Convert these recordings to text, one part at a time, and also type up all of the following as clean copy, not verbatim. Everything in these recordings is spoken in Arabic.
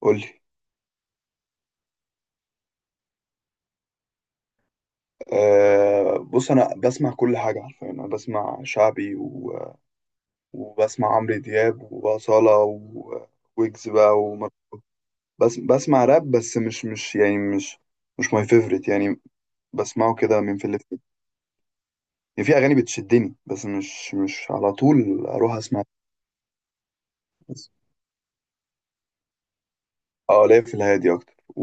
قول لي. أه، بص انا بسمع كل حاجه حرفيا، انا بسمع شعبي وبسمع عمرو دياب وأصالة ويجز بقى بس بسمع راب، بس مش ماي فيفورت يعني. بسمعه كده من في اللي في. يعني في اغاني بتشدني، بس مش على طول اروح اسمع. بس اه، ليا في الهادي اكتر.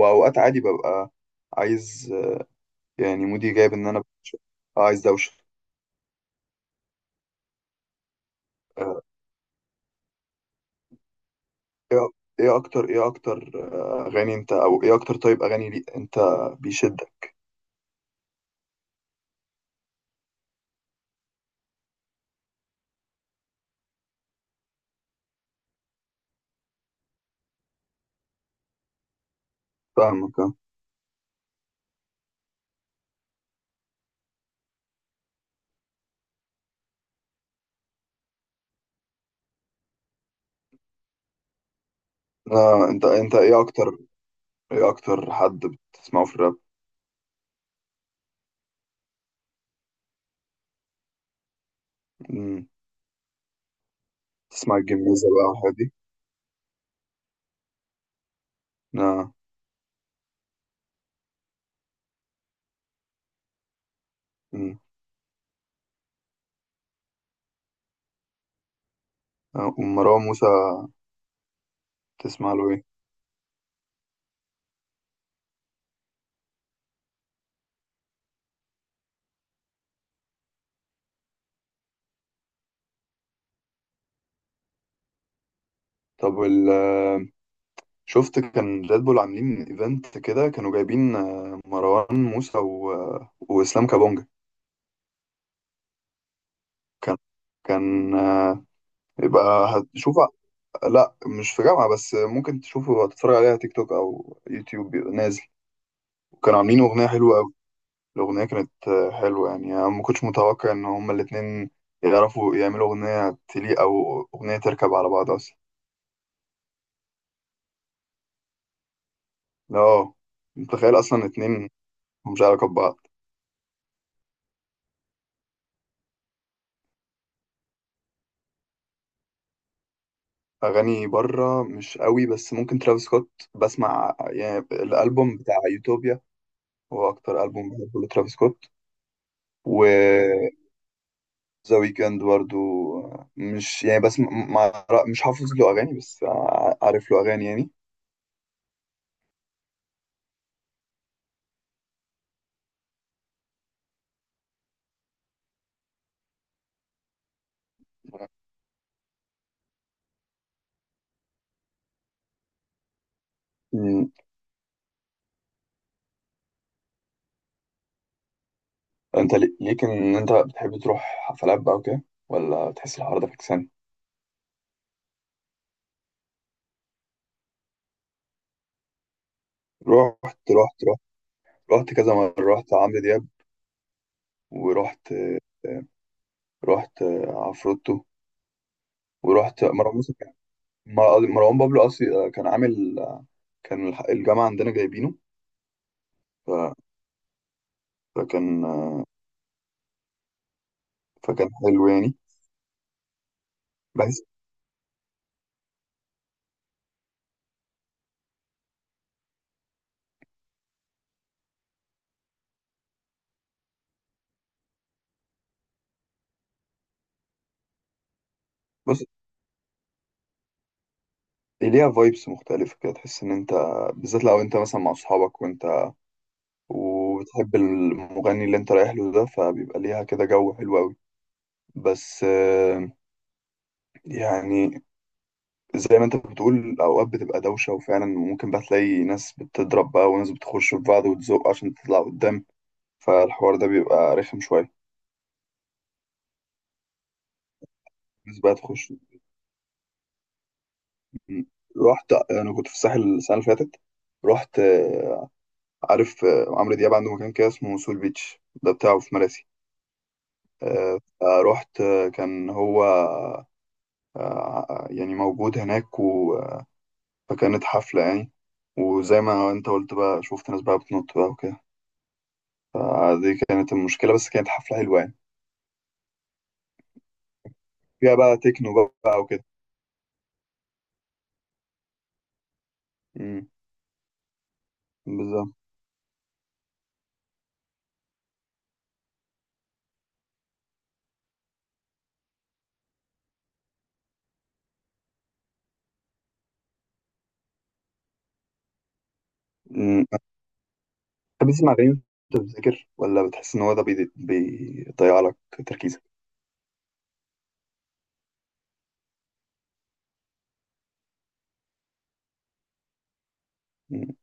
واوقات عادي ببقى عايز، يعني مودي جايب ان انا ببقى عايز دوشه. آه، ايه إيه اكتر ايه اكتر آه، اغاني انت، او ايه اكتر؟ طيب، اغاني لي انت بيشدك؟ فاهمك اه. انت ايه اكتر حد بتسمعه في الراب؟ مم. تسمع الجميزة بقى والحاجات دي؟ اه. مم. ومروان موسى، تسمع له ايه؟ طب وال آه، شفت كان ريد بول عاملين ايفنت كده، كانوا جايبين مروان موسى و... آه، واسلام كابونجا. كان. كان آه، يبقى هتشوف. لا، مش في جامعة، بس ممكن تشوفه تتفرج عليها تيك توك أو يوتيوب، بيبقى نازل. وكانوا عاملين أغنية حلوة أوي. الأغنية كانت حلوة يعني، أنا ما كنتش متوقع إن هما الاتنين يعرفوا يعملوا أغنية تليق أو أغنية تركب على بعض أصلا. لا، متخيل أصلا اتنين مش علاقة ببعض. أغاني بره مش قوي، بس ممكن ترافيس سكوت. بسمع يعني الألبوم بتاع يوتوبيا. هو أكتر ألبوم بحبه لترافيس سكوت. و ذا ويكند برضو، مش يعني بس مع، مش حافظ له اغاني، بس عارف له اغاني يعني. مم. انت ليك ان انت بتحب تروح حفلات بقى وكده، ولا تحس الحوار ده فكسان؟ رحت. رحت رحت رحت كذا مرة، رحت عمرو دياب. ورحت. رحت عفروتو. ورحت مروان موسى. مروان بابلو اصلي كان عامل. كان الجامعة عندنا جايبينه. ف- فكان فكان حلو يعني. بحس بص، ليها فايبس مختلفة كده، تحس إن أنت، بالذات لو أنت مثلا مع أصحابك، وأنت وبتحب المغني اللي أنت رايح له ده، فبيبقى ليها كده جو حلو أوي. بس يعني، زي ما أنت بتقول، أوقات بتبقى دوشة وفعلا ممكن بقى تلاقي ناس بتضرب بقى وناس بتخش في بعض وتزق عشان تطلع قدام، فالحوار ده بيبقى رخم شوية. الناس بقى تخش. رحت أنا، كنت في الساحل السنة اللي فاتت. رحت. عارف عمرو دياب عنده مكان كده اسمه سول بيتش ده بتاعه في مراسي. رحت. كان هو يعني موجود هناك. فكانت حفلة يعني، وزي ما انت قلت بقى شفت ناس بقى بتنط بقى وكده. فدي كانت المشكلة، بس كانت حفلة حلوة يعني، فيها بقى تكنو بقى وكده. امم. بالظبط. امم بتحب تسمع أغاني وأنت بتذاكر، ولا بتحس إن هو ده بيضيع لك تركيزك؟ مم.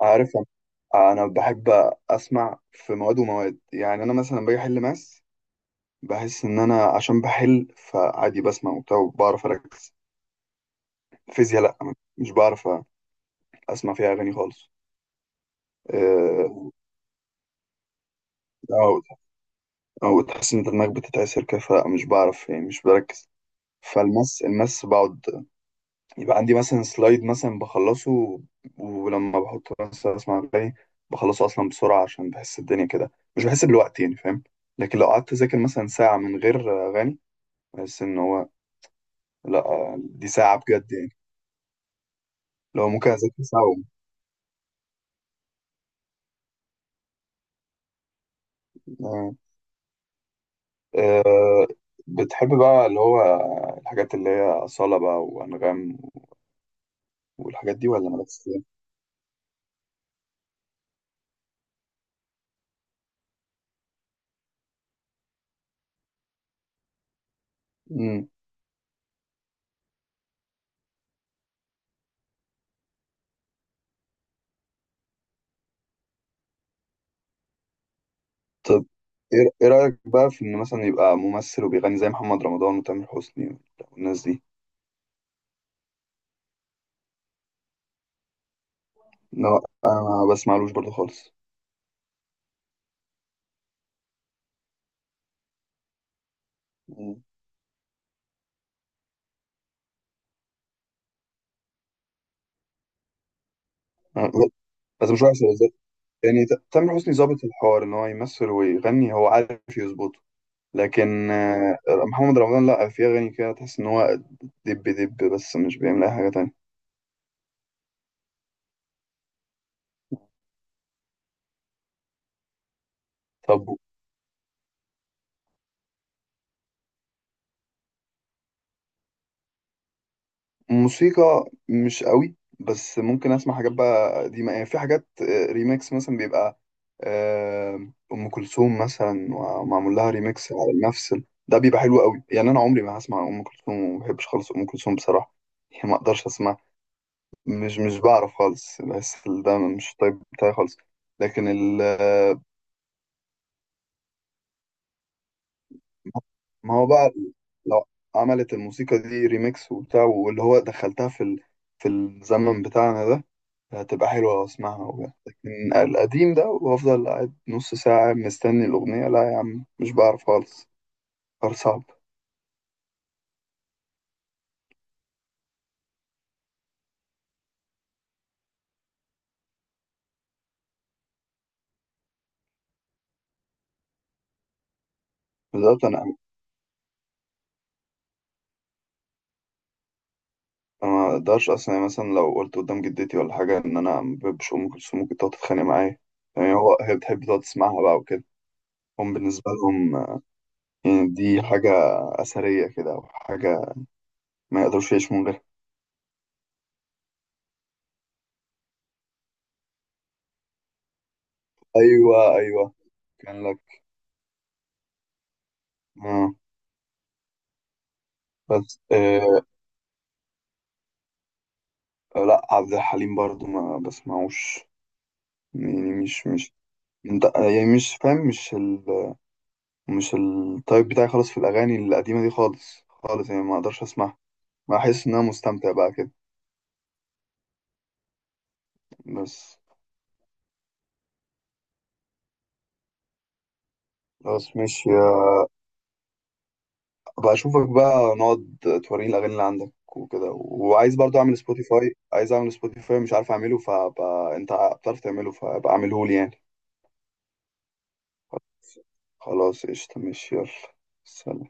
عارف، أنا بحب أسمع في مواد ومواد. يعني أنا مثلا باجي أحل ماس، بحس ان انا عشان بحل فعادي بسمع وبتاع وبعرف اركز. فيزياء لا، مش بعرف اسمع فيها اغاني خالص. آه، او او تحس ان دماغك بتتعسر كده، فمش بعرف، يعني مش بركز. المس بقعد يبقى عندي مثلا سلايد مثلا بخلصه، ولما بحطه مثلا اسمع اغاني بخلصه اصلا بسرعه، عشان بحس الدنيا كده مش بحس بالوقت، يعني فاهم؟ لكن لو قعدت اذاكر مثلا ساعه من غير اغاني، بحس ان هو لا، دي ساعه بجد يعني. لو ممكن اذاكر ساعه. آه، بتحب بقى اللي هو الحاجات اللي هي أصالة بقى وأنغام والحاجات دي ولا بس؟ مم. طب إيه رأيك بقى في إن مثلا يبقى ممثل وبيغني زي محمد رمضان وتامر حسني والناس دي؟ لا، أنا ما بسمعلوش برضه خالص. مم. أنا- بس مش وحش، هو يعني تامر حسني ظابط الحوار إن هو يمثل ويغني، هو عارف يظبطه. لكن محمد رمضان لأ، في أغاني كده تحس إن هو دب دب، بس مش بيعمل أي حاجة تانية. طب موسيقى مش قوي، بس ممكن اسمع حاجات بقى قديمه. يعني في حاجات ريميكس مثلا، بيبقى ام كلثوم مثلا ومعمول لها ريميكس على نفس ده بيبقى حلو قوي يعني. انا عمري ما هسمع ام كلثوم، وما بحبش خالص ام كلثوم بصراحه، يعني ما اقدرش اسمع. مش بعرف خالص، بحس ده مش طيب بتاعي خالص. لكن ما هو بقى لو عملت الموسيقى دي ريميكس وبتاع، واللي هو دخلتها في في الزمن بتاعنا ده، هتبقى حلوة أسمعها وبتاع. لكن القديم ده وأفضل قاعد نص ساعة مستني الأغنية، لا يا عم مش بعرف خالص، قرار صعب. بالذات أنا، ما أقدرش أصلا. يعني مثلا لو قلت قدام جدتي ولا حاجة إن أنا ما بحبش أم كلثوم، ممكن تقعد تتخانق معايا، يعني هو هي بتحب تقعد تسمعها بقى وكده. هم بالنسبة لهم يعني دي حاجة أثرية كده أو حاجة، ما يقدروش يعيشوا من غيرها. ايوه ايوه، كان لك. آه. بس، آه. لا، عبد الحليم برضو ما بسمعوش، يعني مش، انت يعني مش فاهم، مش التايب بتاعي خالص في الاغاني القديمه دي خالص خالص، يعني ما اقدرش اسمعها. بحس ان انا مستمتع بقى كده بس. خلاص ماشي بقى، اشوفك بقى نقعد، توريني الاغاني اللي عندك وكده. وعايز برضو اعمل سبوتيفاي، عايز اعمل سبوتيفاي مش عارف اعمله، فبقى انت بتعرف تعمله فبقى اعمله لي يعني. خلاص، قشطة ماشي، يلا سلام.